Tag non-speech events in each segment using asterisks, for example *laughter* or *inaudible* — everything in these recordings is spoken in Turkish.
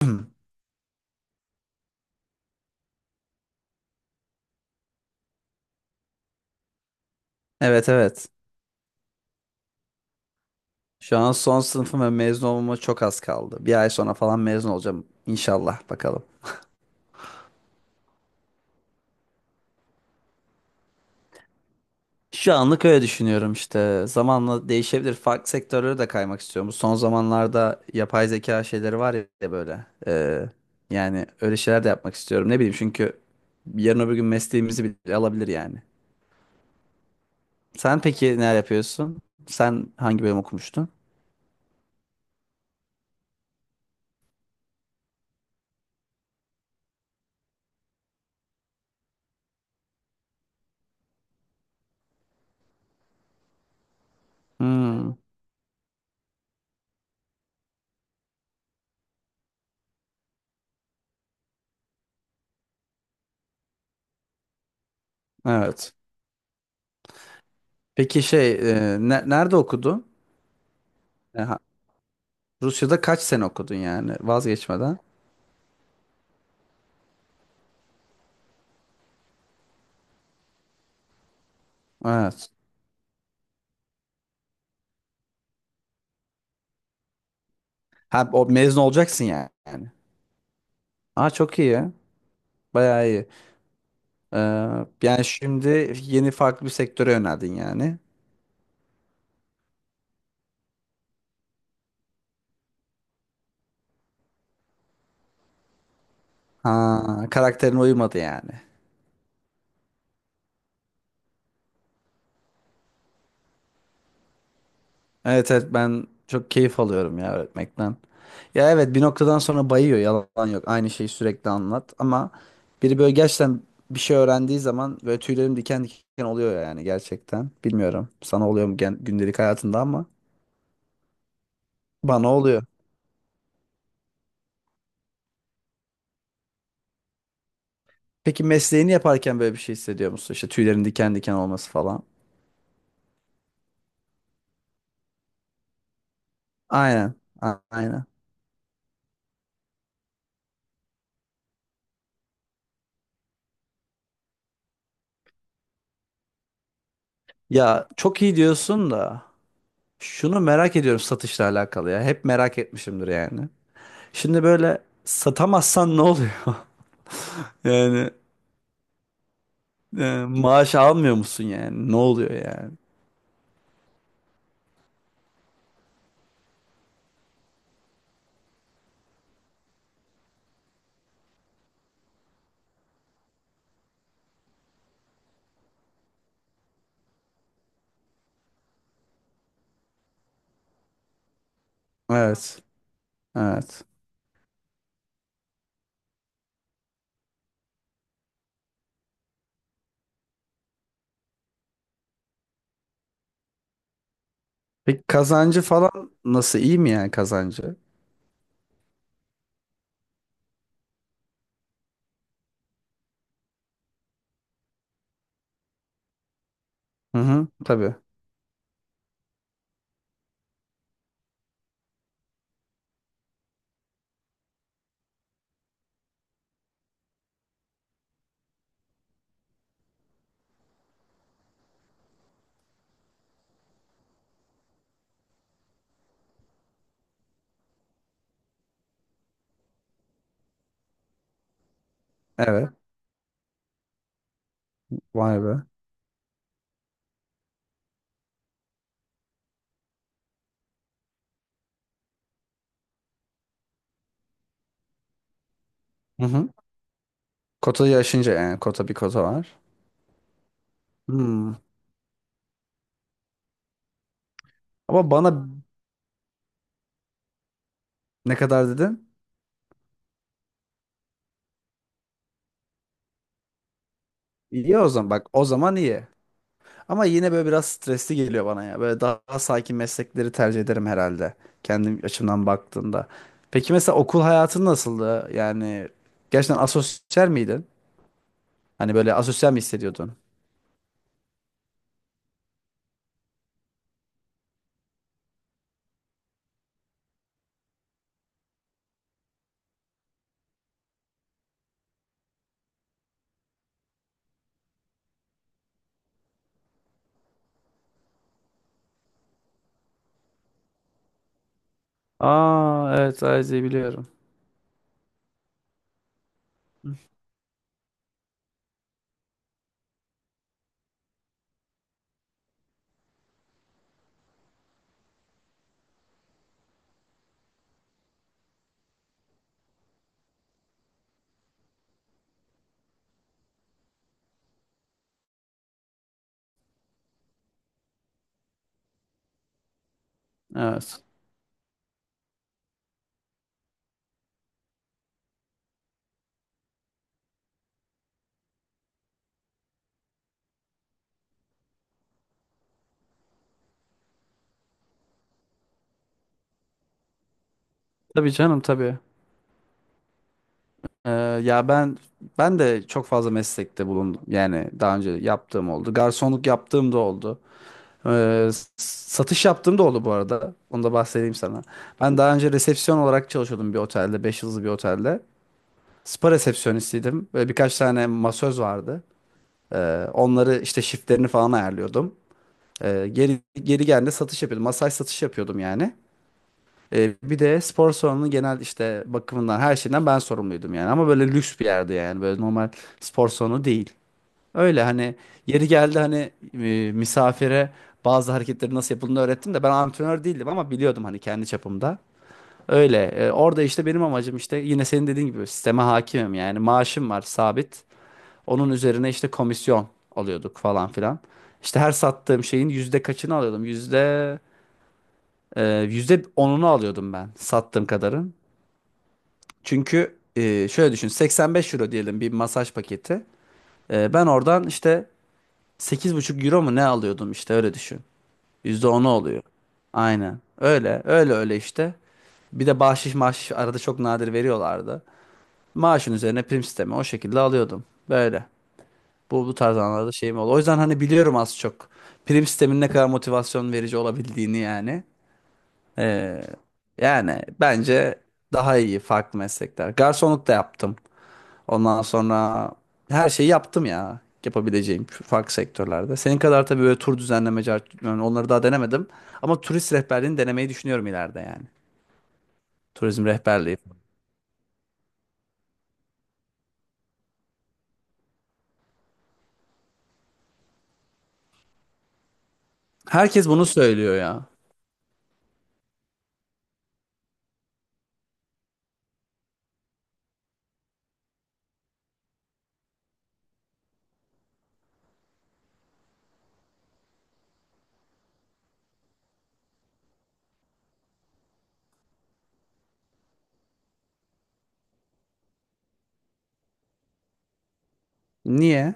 *clears throat* Evet evet. Şu an son sınıfım ve mezun olmama çok az kaldı. Bir ay sonra falan mezun olacağım. İnşallah bakalım. Şu anlık öyle düşünüyorum işte. Zamanla değişebilir. Farklı sektörlere de kaymak istiyorum. Son zamanlarda yapay zeka şeyleri var ya böyle. Yani öyle şeyler de yapmak istiyorum. Ne bileyim çünkü yarın öbür gün mesleğimizi bile alabilir yani. Sen peki neler yapıyorsun? Sen hangi bölüm okumuştun? Hmm, evet. Peki nerede okudun? Rusya'da kaç sene okudun yani vazgeçmeden? Evet. Ha, o mezun olacaksın yani. Aa çok iyi ya. Bayağı iyi. Ee, yani şimdi yeni farklı bir sektöre yöneldin yani. Ha karakterine uymadı yani. Evet evet, ben çok keyif alıyorum ya öğretmekten. Ya evet, bir noktadan sonra bayıyor, yalan yok. Aynı şeyi sürekli anlat ama biri böyle gerçekten bir şey öğrendiği zaman böyle tüylerim diken diken oluyor yani gerçekten. Bilmiyorum sana oluyor mu gündelik hayatında ama bana oluyor. Peki mesleğini yaparken böyle bir şey hissediyor musun? İşte tüylerin diken diken olması falan. Aynen. Aynen. Ya çok iyi diyorsun da şunu merak ediyorum, satışla alakalı ya. Hep merak etmişimdir yani. Şimdi böyle satamazsan ne oluyor? *laughs* Yani maaş almıyor musun yani? Ne oluyor yani? Evet. Evet. Peki kazancı falan nasıl? İyi mi yani kazancı? Hı hı. Tabii. Evet. Vay be. Hı hı. Kotayı aşınca yani. Bir kota var. Hmm. Ama bana. Ne kadar dedin? İyi o zaman, bak o zaman iyi. Ama yine böyle biraz stresli geliyor bana ya. Böyle daha sakin meslekleri tercih ederim herhalde. Kendim açımdan baktığımda. Peki mesela okul hayatın nasıldı? Yani gerçekten asosyal miydin? Hani böyle asosyal mi hissediyordun? Aa evet, Ayze'yi biliyorum. Evet. Tabii canım, tabii. Ee, ya ben de çok fazla meslekte bulundum. Yani daha önce yaptığım oldu. Garsonluk yaptığım da oldu. Ee, satış yaptığım da oldu bu arada. Onu da bahsedeyim sana. Ben daha önce resepsiyon olarak çalışıyordum bir otelde. Beş yıldızlı bir otelde. Spa resepsiyonistiydim. Böyle birkaç tane masöz vardı. Onları işte shiftlerini falan ayarlıyordum. Geri geri geldiğinde satış yapıyordum. Masaj satışı yapıyordum yani. Bir de spor salonunun genel işte bakımından her şeyden ben sorumluydum yani. Ama böyle lüks bir yerdi yani. Böyle normal spor salonu değil. Öyle hani yeri geldi, hani misafire bazı hareketleri nasıl yapıldığını öğrettim de ben antrenör değildim ama biliyordum hani kendi çapımda. Öyle orada işte benim amacım, işte yine senin dediğin gibi sisteme hakimim yani, maaşım var sabit. Onun üzerine işte komisyon alıyorduk falan filan. İşte her sattığım şeyin yüzde kaçını alıyordum? Yüzde onunu alıyordum ben sattığım kadarın. Çünkü şöyle düşün, 85 euro diyelim bir masaj paketi. Ben oradan işte 8,5 euro mu ne alıyordum işte, öyle düşün. %10 oluyor. Aynen. Öyle öyle öyle işte. Bir de bahşiş maaş arada çok nadir veriyorlardı. Maaşın üzerine prim sistemi, o şekilde alıyordum. Böyle. Bu tarz anlarda şeyim oldu. O yüzden hani biliyorum az çok. Prim sistemin ne kadar motivasyon verici olabildiğini yani. Ee, yani bence daha iyi farklı meslekler. Garsonluk da yaptım. Ondan sonra her şeyi yaptım ya. Yapabileceğim farklı sektörlerde. Senin kadar tabii böyle tur düzenleme, yani onları daha denemedim. Ama turist rehberliğini denemeyi düşünüyorum ileride yani. Turizm rehberliği. Herkes bunu söylüyor ya. Niye?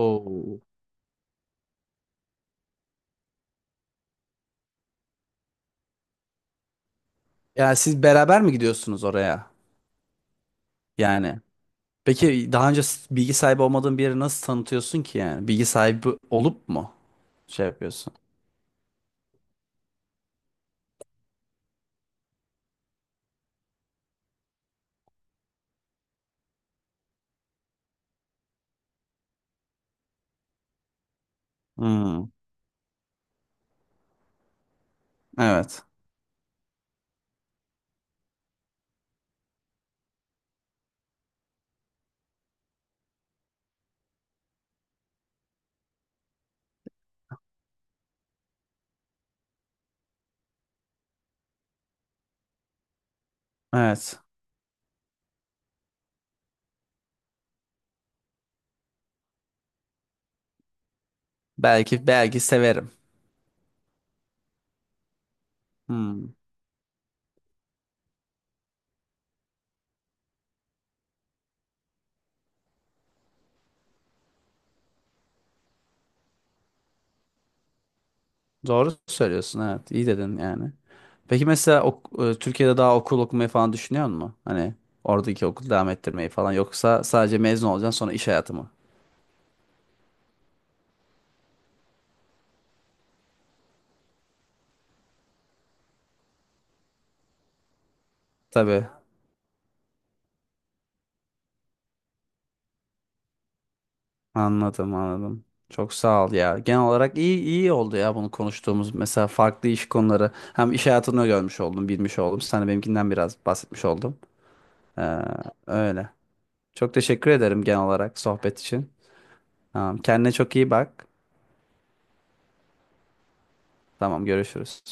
Oo. Yani siz beraber mi gidiyorsunuz oraya? Yani. Peki daha önce bilgi sahibi olmadığın bir yeri nasıl tanıtıyorsun ki yani? Bilgi sahibi olup mu şey yapıyorsun? Hmm, evet. Evet. Belki belki severim. Hmm. Doğru söylüyorsun, evet. İyi dedin yani. Peki mesela Türkiye'de daha okul okumayı falan düşünüyor musun? Hani oradaki okul devam ettirmeyi falan, yoksa sadece mezun olacaksın sonra iş hayatı mı? Tabii, anladım anladım. Çok sağ ol ya. Genel olarak iyi iyi oldu ya bunu konuştuğumuz, mesela farklı iş konuları. Hem iş hayatını görmüş oldum, bilmiş oldum. Sana benimkinden biraz bahsetmiş oldum. Ee, öyle. Çok teşekkür ederim genel olarak sohbet için. Tamam, kendine çok iyi bak. Tamam, görüşürüz.